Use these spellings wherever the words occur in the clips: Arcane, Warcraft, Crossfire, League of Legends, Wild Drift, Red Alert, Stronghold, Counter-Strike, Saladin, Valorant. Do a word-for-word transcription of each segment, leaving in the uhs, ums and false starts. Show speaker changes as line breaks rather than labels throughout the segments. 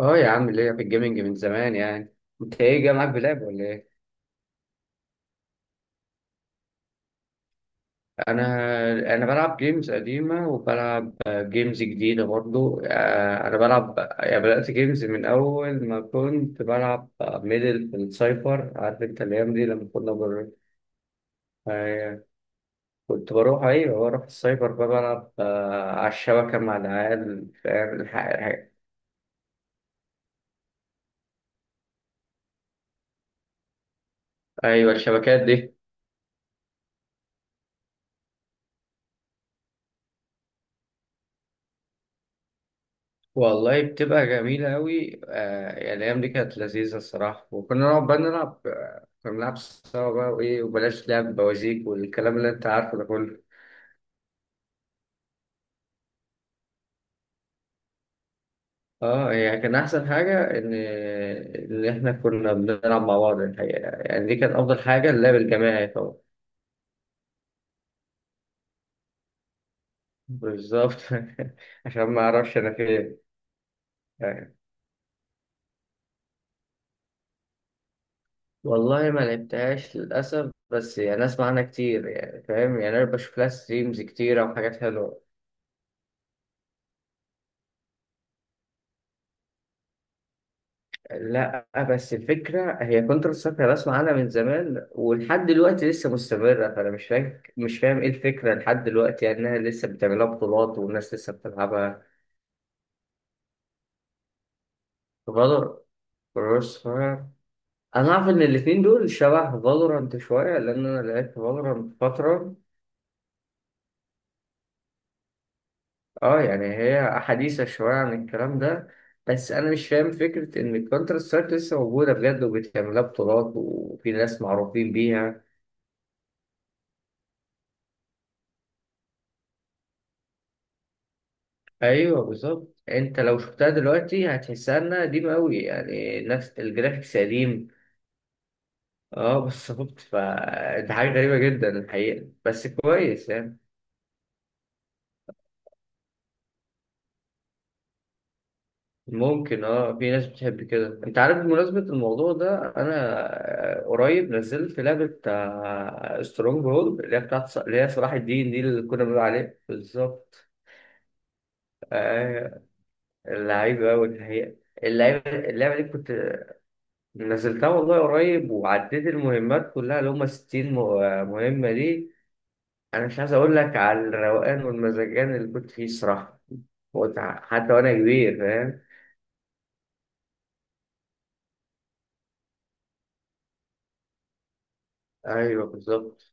اه يا عم، ليا في الجيمنج من زمان يعني. انت ايه جاي معاك، بلعب ولا ايه؟ انا انا بلعب جيمز قديمه، وبلعب آه، جيمز جديده برضو. آه، انا بلعب يعني، بدات جيمز من اول ما كنت بلعب آه، ميدل في السايبر. عارف انت الايام دي لما كنا بر... آه، كنت بروح، ايوه، بروح السايبر، بقى بلعب آه، على الشبكه مع العيال، فاهم؟ الح- الح- ايوه، الشبكات دي. والله بتبقى جميلة أوي. آه يعني الأيام دي كانت لذيذة الصراحة، وكنا نقعد بقى نلعب آه، كنا بنلعب سوا بقى، وإيه، وبلاش لعب بوازيك والكلام اللي أنت عارفه ده كله. أه يعني كان أحسن حاجة إن إن إحنا كنا بنلعب مع بعض الحقيقة، يعني دي كانت أفضل حاجة، اللعب الجماعي طبعا. بالظبط عشان ما أعرفش أنا فين يعني. والله ما لعبتهاش للأسف، بس يعني أسمع عنها كتير، يعني فاهم يعني، أنا بشوف لها ستريمز كتيرة وحاجات حلوة. لا بس الفكرة هي كونتر سترايك، أنا بسمع عنها من زمان ولحد دلوقتي لسه مستمرة، فأنا مش فاهم مش فاهم إيه الفكرة لحد دلوقتي، يعني إنها لسه بتعملها بطولات والناس لسه بتلعبها. فالور كروس فاير. أنا أعرف إن الاتنين دول شبه فالورانت شوية، لأن أنا لعبت فالورانت فترة. أه يعني هي حديثة شوية عن الكلام ده، بس أنا مش فاهم فكرة إن الكونتر سترايك لسه موجودة بجد، وبتعملها بطولات وفي ناس معروفين بيها. ايوه بالظبط، انت لو شفتها دلوقتي هتحسها انها قديمه قوي، يعني نفس الجرافيكس قديم. اه بالظبط، فدي حاجه غريبه جدا الحقيقه، بس كويس يعني. ممكن، اه، في ناس بتحب كده، انت عارف بمناسبه الموضوع ده انا آه، قريب نزلت لعبه سترونج هولد، اللي هي بتاعت ص- اللي هي صلاح الدين، دي اللي كنا بنقول عليها بالظبط. آه، اللعيبه قوي الحقيقه. اللعبة اللعبة دي كنت نزلتها والله قريب، وعديت المهمات كلها، اللي هم ستين مه- مهمة دي. أنا مش عايز أقول لك على الروقان والمزاجان اللي كنت فيه الصراحة. متعة حتى وأنا كبير، فاهم؟ أيوه بالظبط،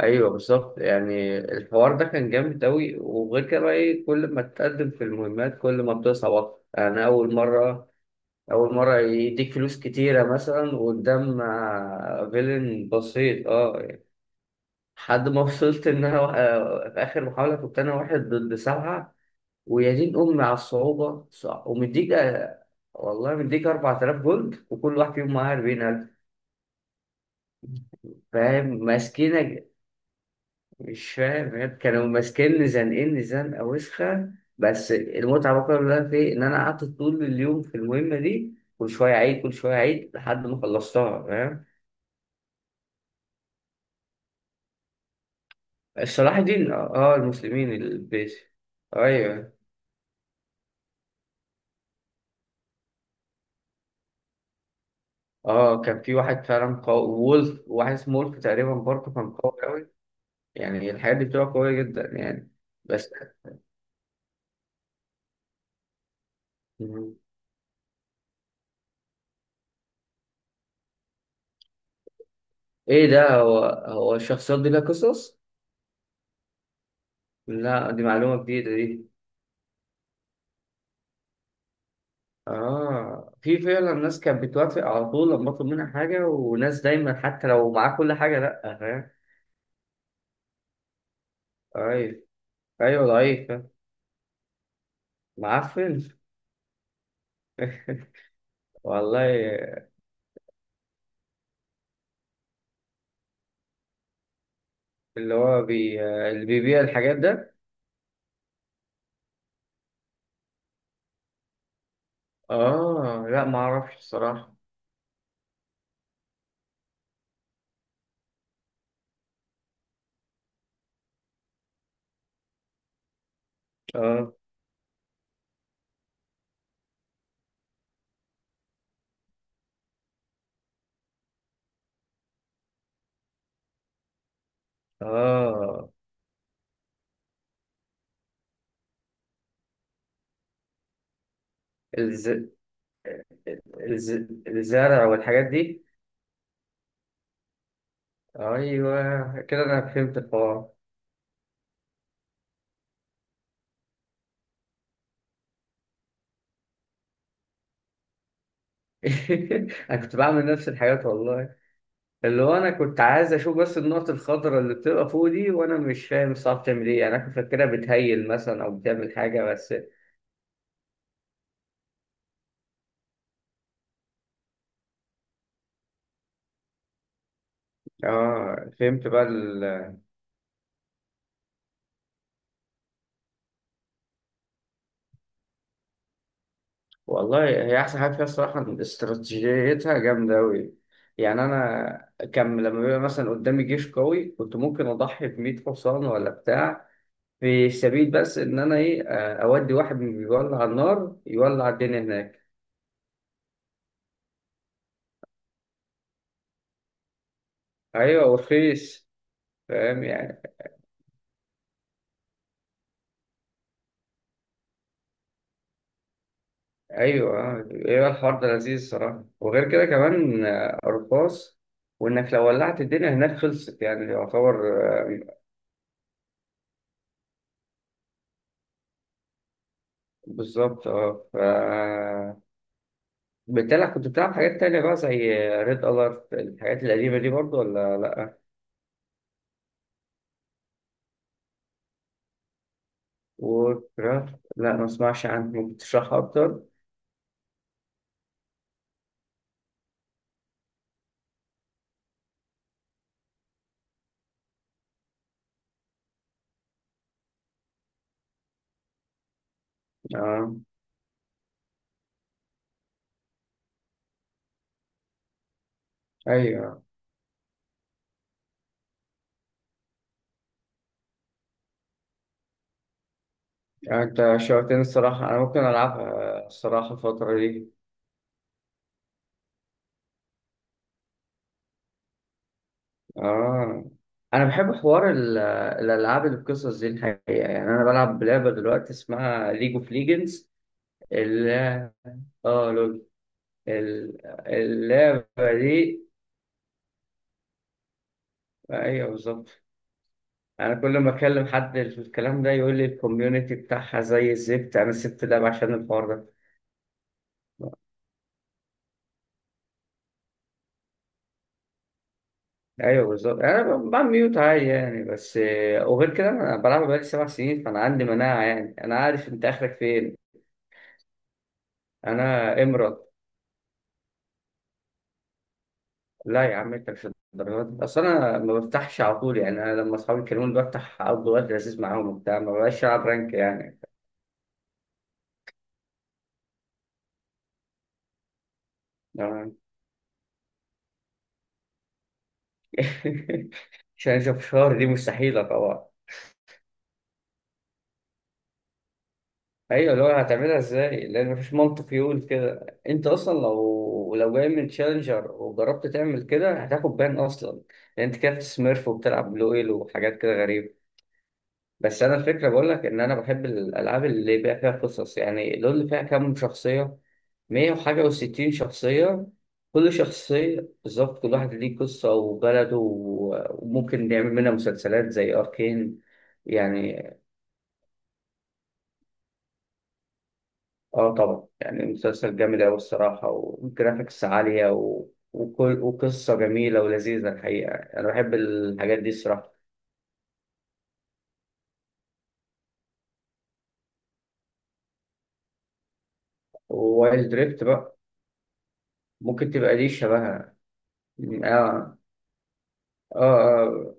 أيوه بالظبط. يعني الحوار ده كان جامد أوي، وغير كده بقى إيه، كل ما تتقدم في المهمات كل ما بتصعب أكتر. أنا أول مرة أول مرة يديك فلوس كتيرة مثلا قدام آه، فيلن بسيط. أه لحد ما وصلت ان انا وا- آه، في اخر محاوله كنت انا واحد ضد سبعه. ويا دين امي على الصعوبه، صع- ومديك آه، والله مديك أربعة آلاف جولد، وكل واحد فيهم معاه أربعين ألف. فاهم ماسكينك؟ مش فاهم يعني، كانوا ماسكيني زنقيني زنقه وسخه. بس المتعه بقى كلها في إيه؟ ان انا قعدت طول اليوم في المهمه دي، كل شويه عيد كل شويه عيد، لحد ما خلصتها فاهم. صلاح الدين، اه، آه، المسلمين البيت. ايوه. اه كان في واحد فعلا قوي، وولف، واحد اسمه وولف تقريبا، برضه كان قوي قوي. يعني الحاجات دي بتبقى قوية جدا يعني. بس مم. ايه ده، هو هو الشخصيات دي لها قصص؟ لا دي معلومة جديدة دي. اه، في فعلا ناس كانت بتوافق على طول لما اطلب منها حاجة، وناس دايما حتى لو معاه كل حاجة لا، فاهم. ضعيف. ايوه ضعيف، معفن. والله. اللي هو بي... اللي بيبيع الحاجات ده. اه، لا ما اعرفش الصراحة. اه، اه. الز... الز... الزرع والحاجات دي. ايوه كده، انا فهمت الحوار. انا كنت بعمل نفس الحاجات والله. اللي هو انا كنت عايز اشوف بس النقط الخضراء اللي بتبقى فوق دي، وانا مش فاهم الصعب بتعمل ايه يعني. انا كنت فاكرها بتهيل مثلا، او بتعمل حاجه بس. اه فهمت بقى ال... والله هي احسن حاجه فيها الصراحه، إن استراتيجيتها جامده قوي. يعني انا كان لما بيبقى مثلا قدامي جيش قوي، كنت ممكن اضحي ب مية حصان ولا بتاع، في سبيل بس ان انا ايه، آه، اودي واحد من بيولع النار يولع الدنيا هناك. ايوه ورخيص، فاهم يعني. ايوه آه، ايوه، الحوار ده لذيذ الصراحه. وغير كده كمان آه، رخاص، وانك لو ولعت الدنيا هناك خلصت، يعني يعتبر. آه، بالظبط، اه ف بالتالي كنت بتلعب حاجات تانية بقى، زي ريد الارت، الحاجات القديمة دي برضو ولا لا؟ ووركرافت، لا ما اسمعش عنه، ممكن تشرحها اكتر. اه. ايوه يعني انت شوقتني الصراحة، انا ممكن العبها الصراحة الفترة دي. اه انا بحب حوار ال- آه، الالعاب اللي بقصص دي الحقيقة، يعني انا بلعب لعبة دلوقتي اسمها ليج اوف ليجندز، اللي اه لول. ال- اللعبة دي. ايوه بالظبط، انا كل ما اكلم حد في الكلام ده يقول لي الكوميونتي بتاعها زي الزفت، انا سبت اللعبة عشان الحوار ده. ايوه بالظبط، انا ب- بعمل ميوت عادي يعني. بس آه، وغير كده انا بلعب بقالي سبع سنين، فانا عندي مناعه يعني، انا عارف انت اخرك فين. انا امرض. لا يا عم انت مش، الدرجات دي اصل انا ما بفتحش على طول يعني. انا لما اصحابي يكلموني بفتح، افضل وقت لذيذ معاهم وبتاع، ما بقاش العب رانك يعني. آه. عشان اشوف، شهر دي مستحيله طبعا. ايوه اللي هو هتعملها ازاي، لان مفيش منطق يقول كده. انت اصلا لو لو جاي من تشالنجر وجربت تعمل كده هتاخد بان اصلا، لان انت كده بتسميرف وبتلعب بلو ايل وحاجات كده غريبه. بس انا الفكره بقول لك ان انا بحب الالعاب اللي بيبقى فيها قصص، يعني لول اللي فيها كام شخصيه، مئة وحاجه و60 شخصيه. كل شخصيه بالظبط، كل واحد ليه قصه وبلده و- وممكن نعمل منها مسلسلات زي اركين. يعني اه طبعا، يعني مسلسل جامد أوي الصراحة، وجرافيكس عالية و... وكل... وقصة جميلة ولذيذة الحقيقة، أنا بحب الحاجات دي الصراحة. ووايلد دريفت بقى، ممكن تبقى دي شبهها. آه آه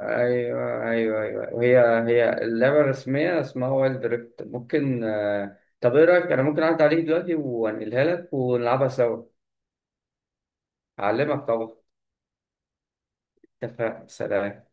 آه أيوه أيوه أيوه. وهي هي اللعبة الرسمية اسمها وايلد دريفت ممكن آه... طب إيه رأيك، أنا ممكن أعدي عليك دلوقتي وأنقلها لك ونلعبها سوا. أعلمك طبعا. اتفق، سلام.